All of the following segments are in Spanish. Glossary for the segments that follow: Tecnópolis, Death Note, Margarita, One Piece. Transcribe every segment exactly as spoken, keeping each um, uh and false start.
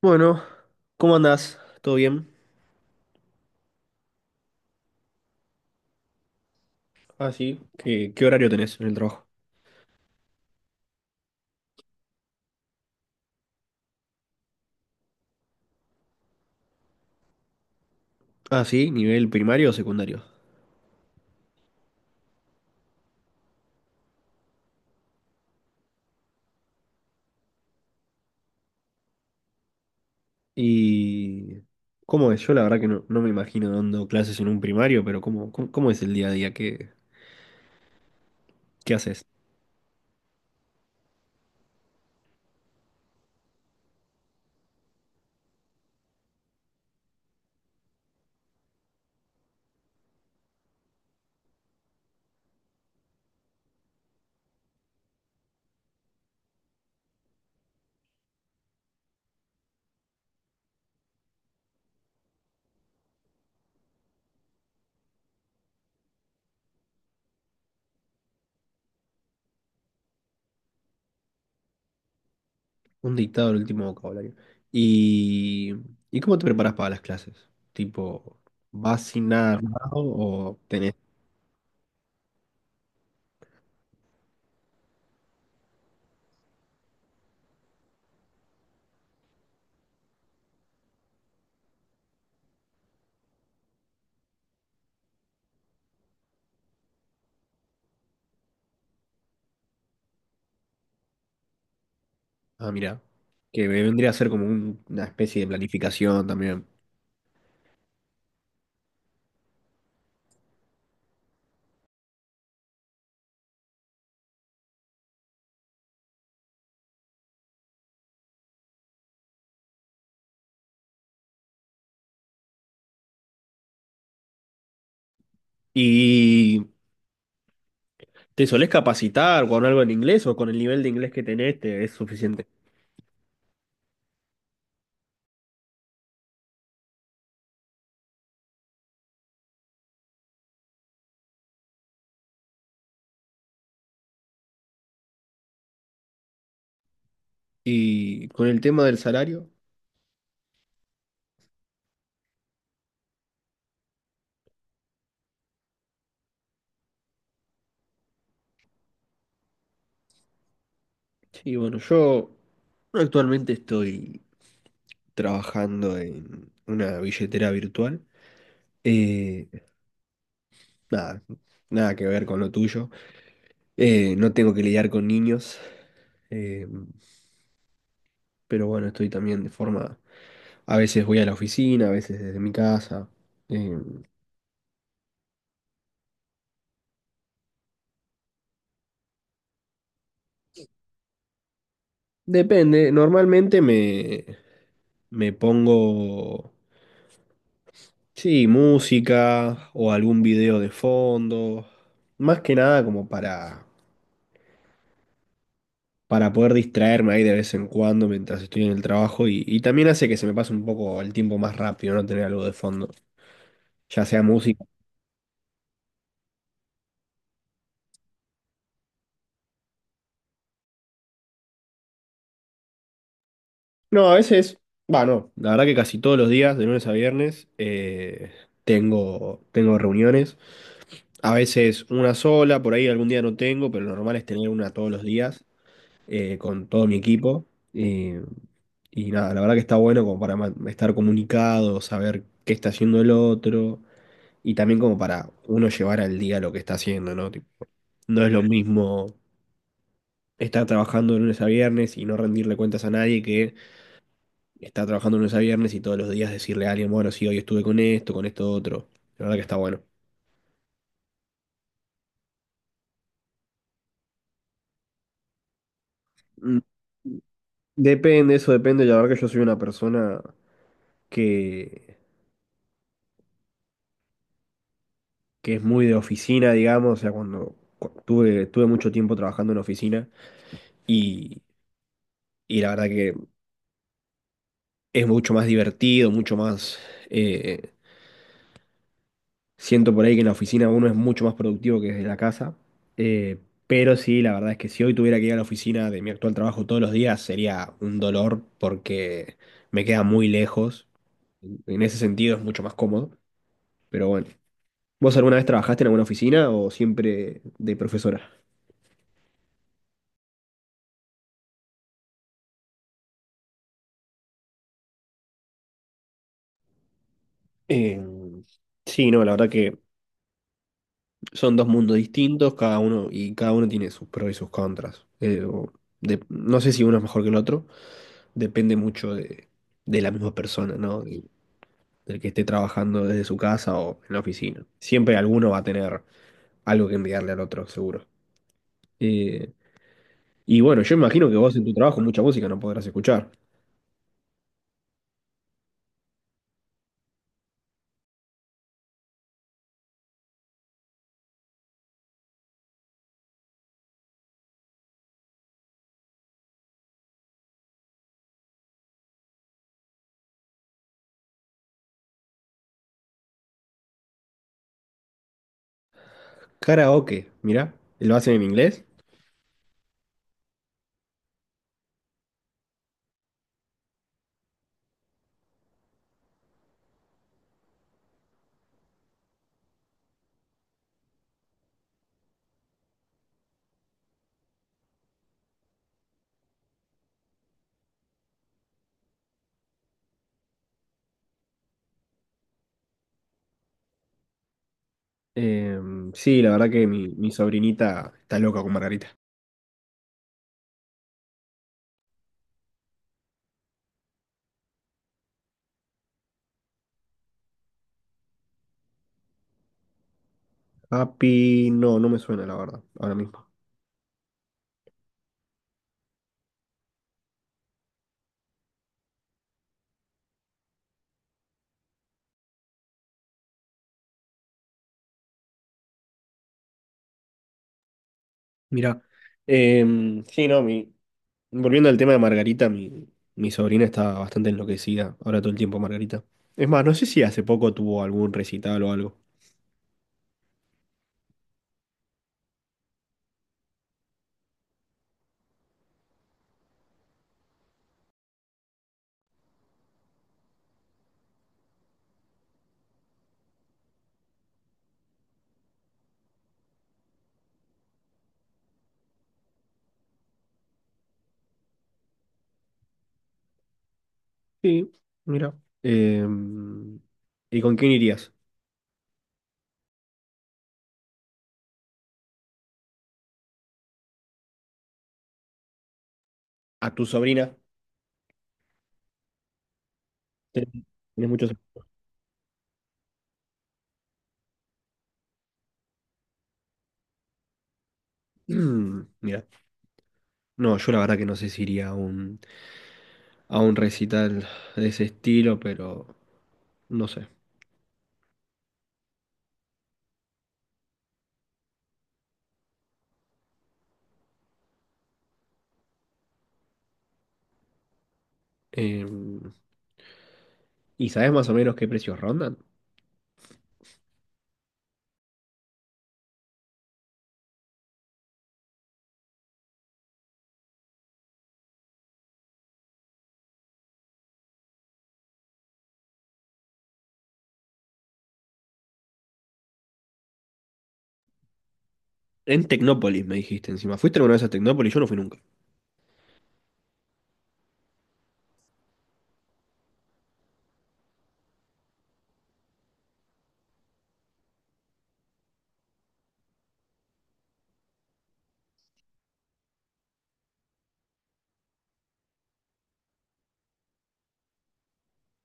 Bueno, ¿cómo andás? ¿Todo bien? Ah, sí. ¿Qué, qué horario tenés en el trabajo? Ah, sí, ¿nivel primario o secundario? Y... ¿Cómo es? Yo la verdad que no, no me imagino dando clases en un primario, pero ¿cómo, cómo, cómo es el día a día? ¿Qué, qué haces? Un dictado del último vocabulario. ¿Y, y cómo te preparas para las clases? Tipo, ¿vas sin nada armado o tenés... Ah, mira, que vendría a ser como un- una especie de planificación también. Y... ¿Te solés capacitar con algo en inglés o con el nivel de inglés que tenés te es suficiente? Y con el tema del salario, sí, bueno, yo actualmente estoy trabajando en una billetera virtual. Eh, nada, nada que ver con lo tuyo. Eh, no tengo que lidiar con niños, eh, pero bueno, estoy también de forma... A veces voy a la oficina, a veces desde mi casa. eh, depende, normalmente me, me pongo... Sí, música o algún video de fondo. Más que nada como para, para poder distraerme ahí de vez en cuando mientras estoy en el trabajo y, y también hace que se me pase un poco el tiempo más rápido, no tener algo de fondo, ya sea música. No, a veces, va no la verdad que casi todos los días, de lunes a viernes, eh, tengo, tengo reuniones. A veces una sola, por ahí algún día no tengo, pero lo normal es tener una todos los días eh, con todo mi equipo. Eh, Y nada, la verdad que está bueno como para ma- estar comunicado, saber qué está haciendo el otro y también como para uno llevar al día lo que está haciendo, ¿no? Tipo, no es lo mismo estar trabajando de lunes a viernes y no rendirle cuentas a nadie que estar trabajando de lunes a viernes y todos los días decirle a alguien, bueno, sí, hoy estuve con esto, con esto otro. La verdad que está bueno. Mm, depende, eso depende. La verdad que yo soy una persona que, que es muy de oficina, digamos, o sea, cuando cu- tuve, tuve mucho tiempo trabajando en oficina y... Y la verdad que es mucho más divertido, mucho más... eh, siento por ahí que en la oficina uno es mucho más productivo que desde la casa. eh, pero sí, la verdad es que si hoy tuviera que ir a la oficina de mi actual trabajo todos los días sería un dolor porque me queda muy lejos. En ese sentido es mucho más cómodo. Pero bueno, ¿vos alguna vez trabajaste en alguna oficina o siempre de profesora? Eh, sí, no, la verdad que son dos mundos distintos, cada uno y cada uno tiene sus pros y sus contras. Eh, o de- no sé si uno es mejor que el otro, depende mucho de, de la misma persona, ¿no? Del, del que esté trabajando desde su casa o en la oficina. Siempre alguno va a tener algo que enviarle al otro, seguro. Eh, y bueno, yo imagino que vos en tu trabajo mucha música no podrás escuchar. Karaoke, mirá, lo hacen en inglés. Eh, sí, la verdad que mi, mi sobrinita está loca con Margarita. Happy, no, no me suena la verdad, ahora mismo. Mirá. Eh, sí, no, mi, Volviendo al tema de Margarita, mi, mi sobrina está bastante enloquecida ahora todo el tiempo, Margarita. Es más, no sé si hace poco tuvo algún recital o algo. Sí, mira. Eh, ¿y con quién irías? ¿A tu sobrina? Tenés tenés muchos... Mm, mira. No, yo la verdad que no sé si iría a un, a un recital de ese estilo, pero no sé. Eh, ¿y sabes más o menos qué precios rondan? En Tecnópolis, me dijiste encima. ¿Fuiste alguna vez a Tecnópolis? Yo no fui nunca.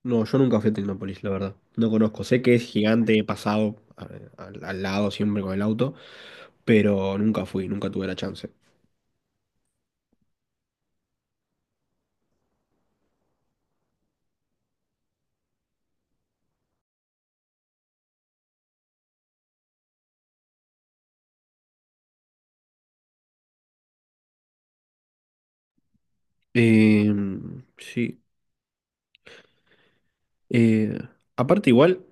No, yo nunca fui a Tecnópolis, la verdad. No conozco. Sé que es gigante, he pasado eh, al, al lado siempre con el auto, pero nunca fui, nunca tuve la chance. Eh, sí. Eh, aparte, igual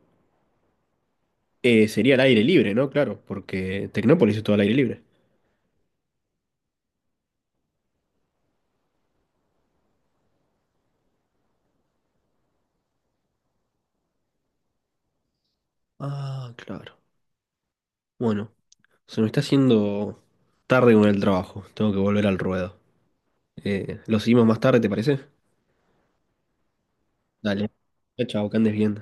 eh, sería al aire libre, ¿no? Claro, porque Tecnópolis es todo al aire libre. Ah, claro. Bueno, se me está haciendo tarde con el trabajo. Tengo que volver al ruedo. Eh, lo seguimos más tarde, ¿te parece? Dale. Chao, chao, que andes bien.